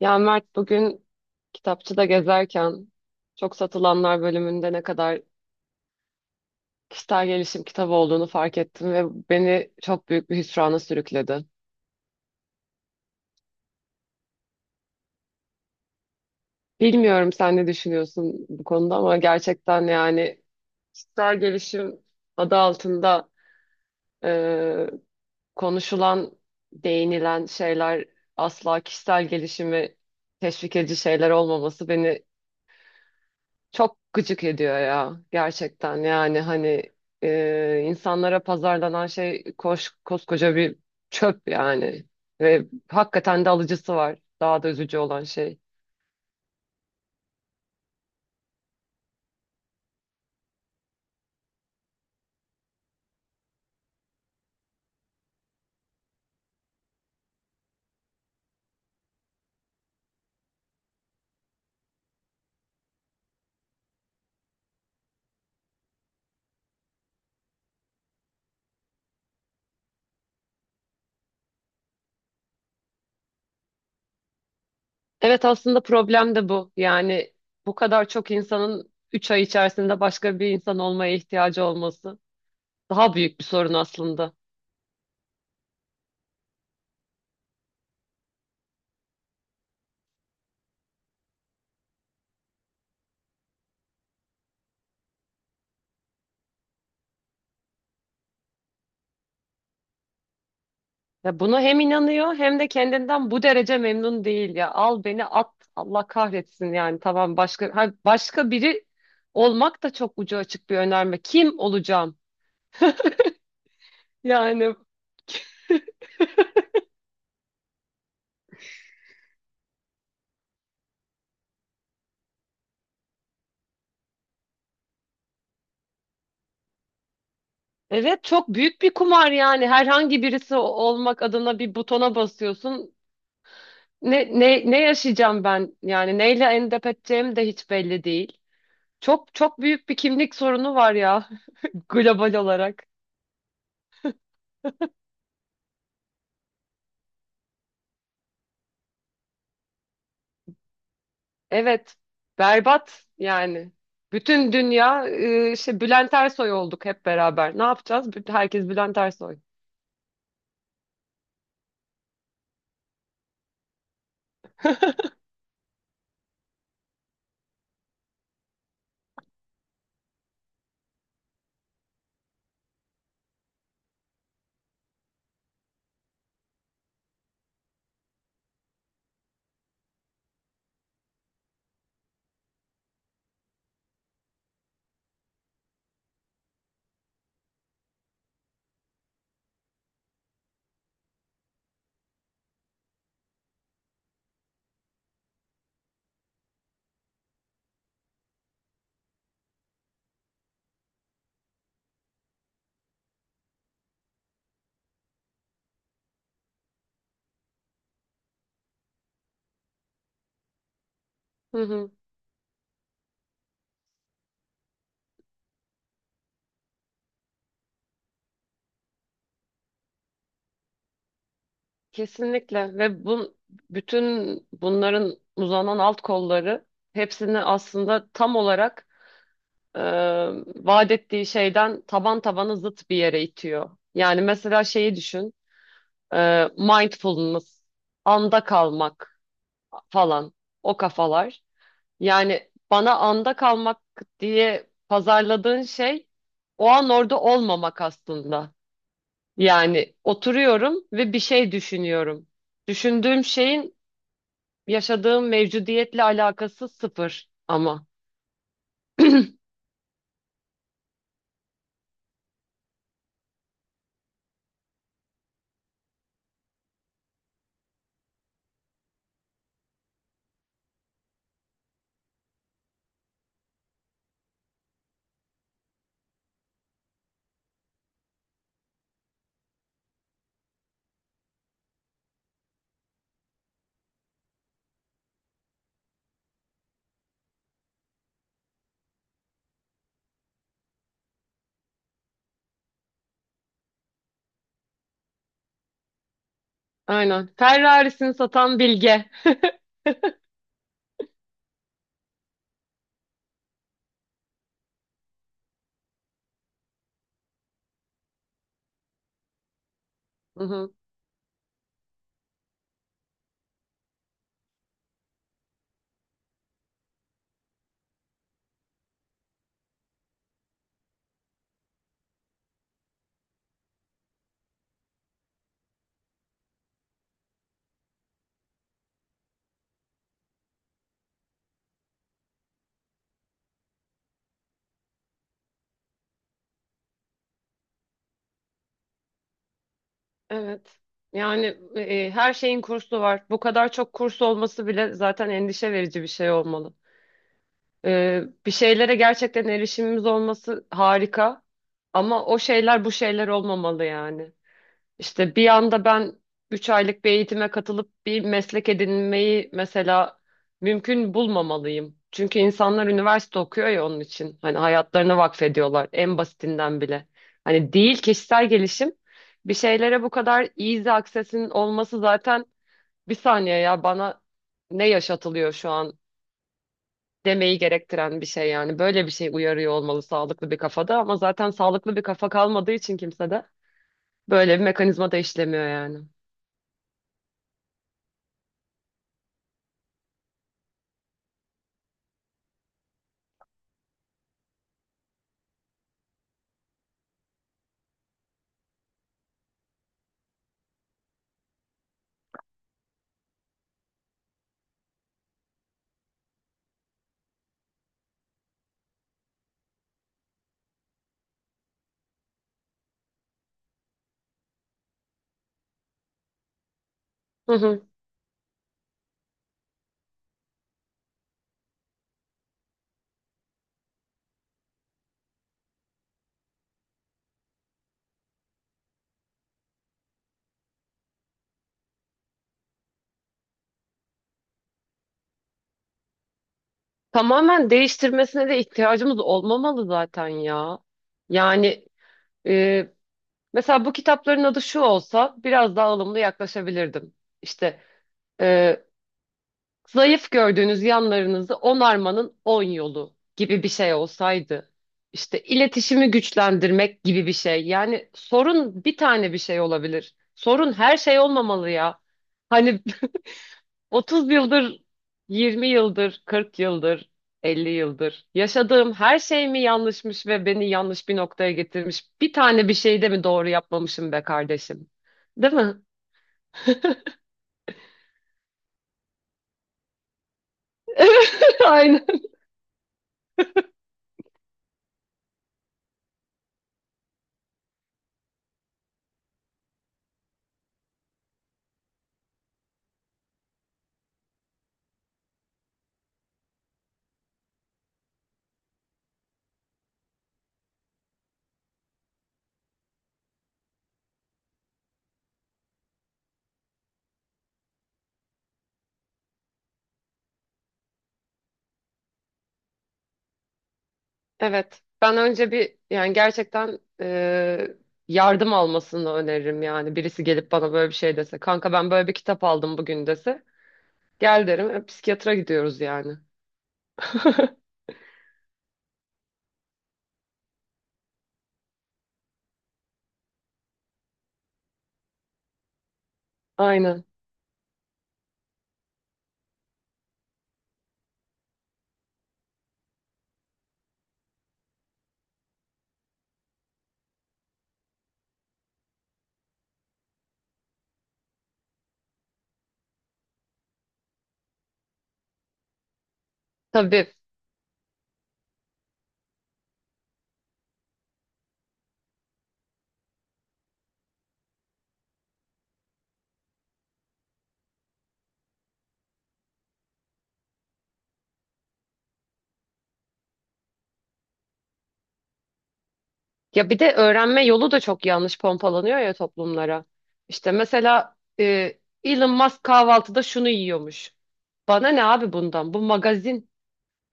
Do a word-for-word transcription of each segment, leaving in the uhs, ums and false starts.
Ya Mert bugün kitapçıda gezerken çok satılanlar bölümünde ne kadar kişisel gelişim kitabı olduğunu fark ettim ve beni çok büyük bir hüsrana sürükledi. Bilmiyorum sen ne düşünüyorsun bu konuda ama gerçekten yani kişisel gelişim adı altında e, konuşulan, değinilen şeyler asla kişisel gelişimi teşvik edici şeyler olmaması beni çok gıcık ediyor ya gerçekten yani hani e, insanlara pazarlanan şey koş, koskoca bir çöp yani ve hakikaten de alıcısı var, daha da üzücü olan şey. Evet, aslında problem de bu yani bu kadar çok insanın üç ay içerisinde başka bir insan olmaya ihtiyacı olması daha büyük bir sorun aslında. Ya buna hem inanıyor hem de kendinden bu derece memnun değil ya. Al beni at. Allah kahretsin yani. Tamam, başka ha, başka biri olmak da çok ucu açık bir önerme. Kim olacağım? Yani evet, çok büyük bir kumar yani. Herhangi birisi o- olmak adına bir butona basıyorsun. Ne ne ne yaşayacağım ben? Yani neyle endişe edeceğim de hiç belli değil. Çok çok büyük bir kimlik sorunu var ya, global olarak. Evet, berbat yani. Bütün dünya e, işte Bülent Ersoy olduk hep beraber. Ne yapacağız? Bütün- Herkes Bülent Ersoy. Hı hı, kesinlikle. Ve bu, bütün bunların uzanan alt kolları hepsini aslında tam olarak e, vaat ettiği şeyden taban tabana zıt bir yere itiyor. Yani mesela şeyi düşün, e, mindfulness, anda kalmak falan, o kafalar. Yani bana anda kalmak diye pazarladığın şey o an orada olmamak aslında. Yani oturuyorum ve bir şey düşünüyorum. Düşündüğüm şeyin yaşadığım mevcudiyetle alakası sıfır ama. Aynen. Ferrari'sini satan Bilge. Hı hı. Evet. Yani e, her şeyin kursu var. Bu kadar çok kurs olması bile zaten endişe verici bir şey olmalı. Ee, bir şeylere gerçekten erişimimiz olması harika. Ama o şeyler bu şeyler olmamalı yani. İşte bir anda ben üç aylık bir eğitime katılıp bir meslek edinmeyi mesela mümkün bulmamalıyım. Çünkü insanlar üniversite okuyor ya onun için. Hani hayatlarını vakfediyorlar, en basitinden bile. Hani değil kişisel gelişim. Bir şeylere bu kadar easy access'in olması zaten bir saniye ya, bana ne yaşatılıyor şu an, demeyi gerektiren bir şey yani. Böyle bir şey uyarıyor olmalı sağlıklı bir kafada, ama zaten sağlıklı bir kafa kalmadığı için kimsede böyle bir mekanizma da işlemiyor yani. Hı hı. Tamamen değiştirmesine de ihtiyacımız olmamalı zaten ya. Yani e, mesela bu kitapların adı şu olsa biraz daha ılımlı yaklaşabilirdim. İşte e, zayıf gördüğünüz yanlarınızı onarmanın on yolu gibi bir şey olsaydı. İşte iletişimi güçlendirmek gibi bir şey. Yani sorun bir tane bir şey olabilir. Sorun her şey olmamalı ya. Hani otuz yıldır, yirmi yıldır, kırk yıldır, elli yıldır yaşadığım her şey mi yanlışmış ve beni yanlış bir noktaya getirmiş? Bir tane bir şeyi de mi doğru yapmamışım be kardeşim? Değil mi? Aynen. Evet. Ben önce bir, yani gerçekten e, yardım almasını öneririm yani. Birisi gelip bana böyle bir şey dese. Kanka, ben böyle bir kitap aldım bugün, dese. Gel derim. E, psikiyatra gidiyoruz yani. Aynen. Tabii. Ya bir de öğrenme yolu da çok yanlış pompalanıyor ya toplumlara. İşte mesela e, Elon Musk kahvaltıda şunu yiyormuş. Bana ne abi bundan? Bu magazin.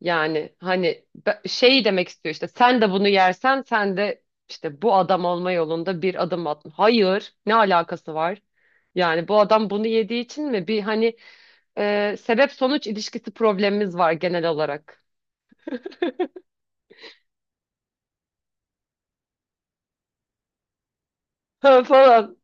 Yani hani be- şey demek istiyor işte, sen de bunu yersen sen de işte bu adam olma yolunda bir adım attın. Hayır, ne alakası var? Yani bu adam bunu yediği için mi? Bir hani e, sebep sonuç ilişkisi problemimiz var genel olarak. Ha, falan.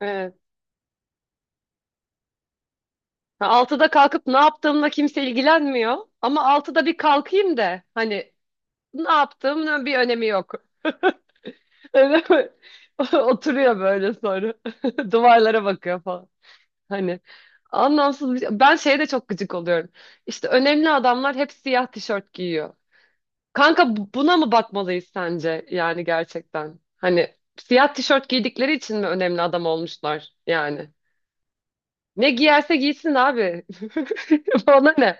Evet. Ha, altıda kalkıp ne yaptığımla kimse ilgilenmiyor. Ama altıda bir kalkayım da hani, ne yaptığımın bir önemi yok. Öyle mi? Oturuyor böyle sonra. Duvarlara bakıyor. Hani anlamsız bir şey. Ben şeye de çok gıcık oluyorum. İşte önemli adamlar hep siyah tişört giyiyor. Kanka, bu- buna mı bakmalıyız sence yani gerçekten? Hani siyah tişört giydikleri için mi önemli adam olmuşlar yani? Ne giyerse giysin abi. Ona ne?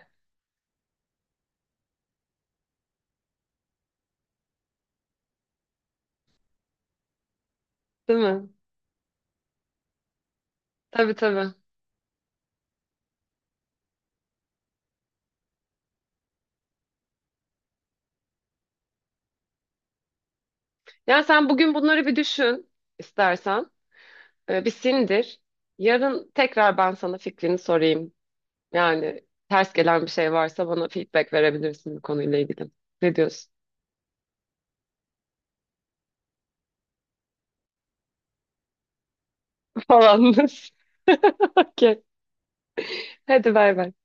Değil mi? Tabii, tabii. Yani sen bugün bunları bir düşün istersen. Ee, Bir sindir. Yarın tekrar ben sana fikrini sorayım. Yani ters gelen bir şey varsa bana feedback verebilirsin bu konuyla ilgili. Ne diyorsun? Falan. Okey. Hadi bay bay.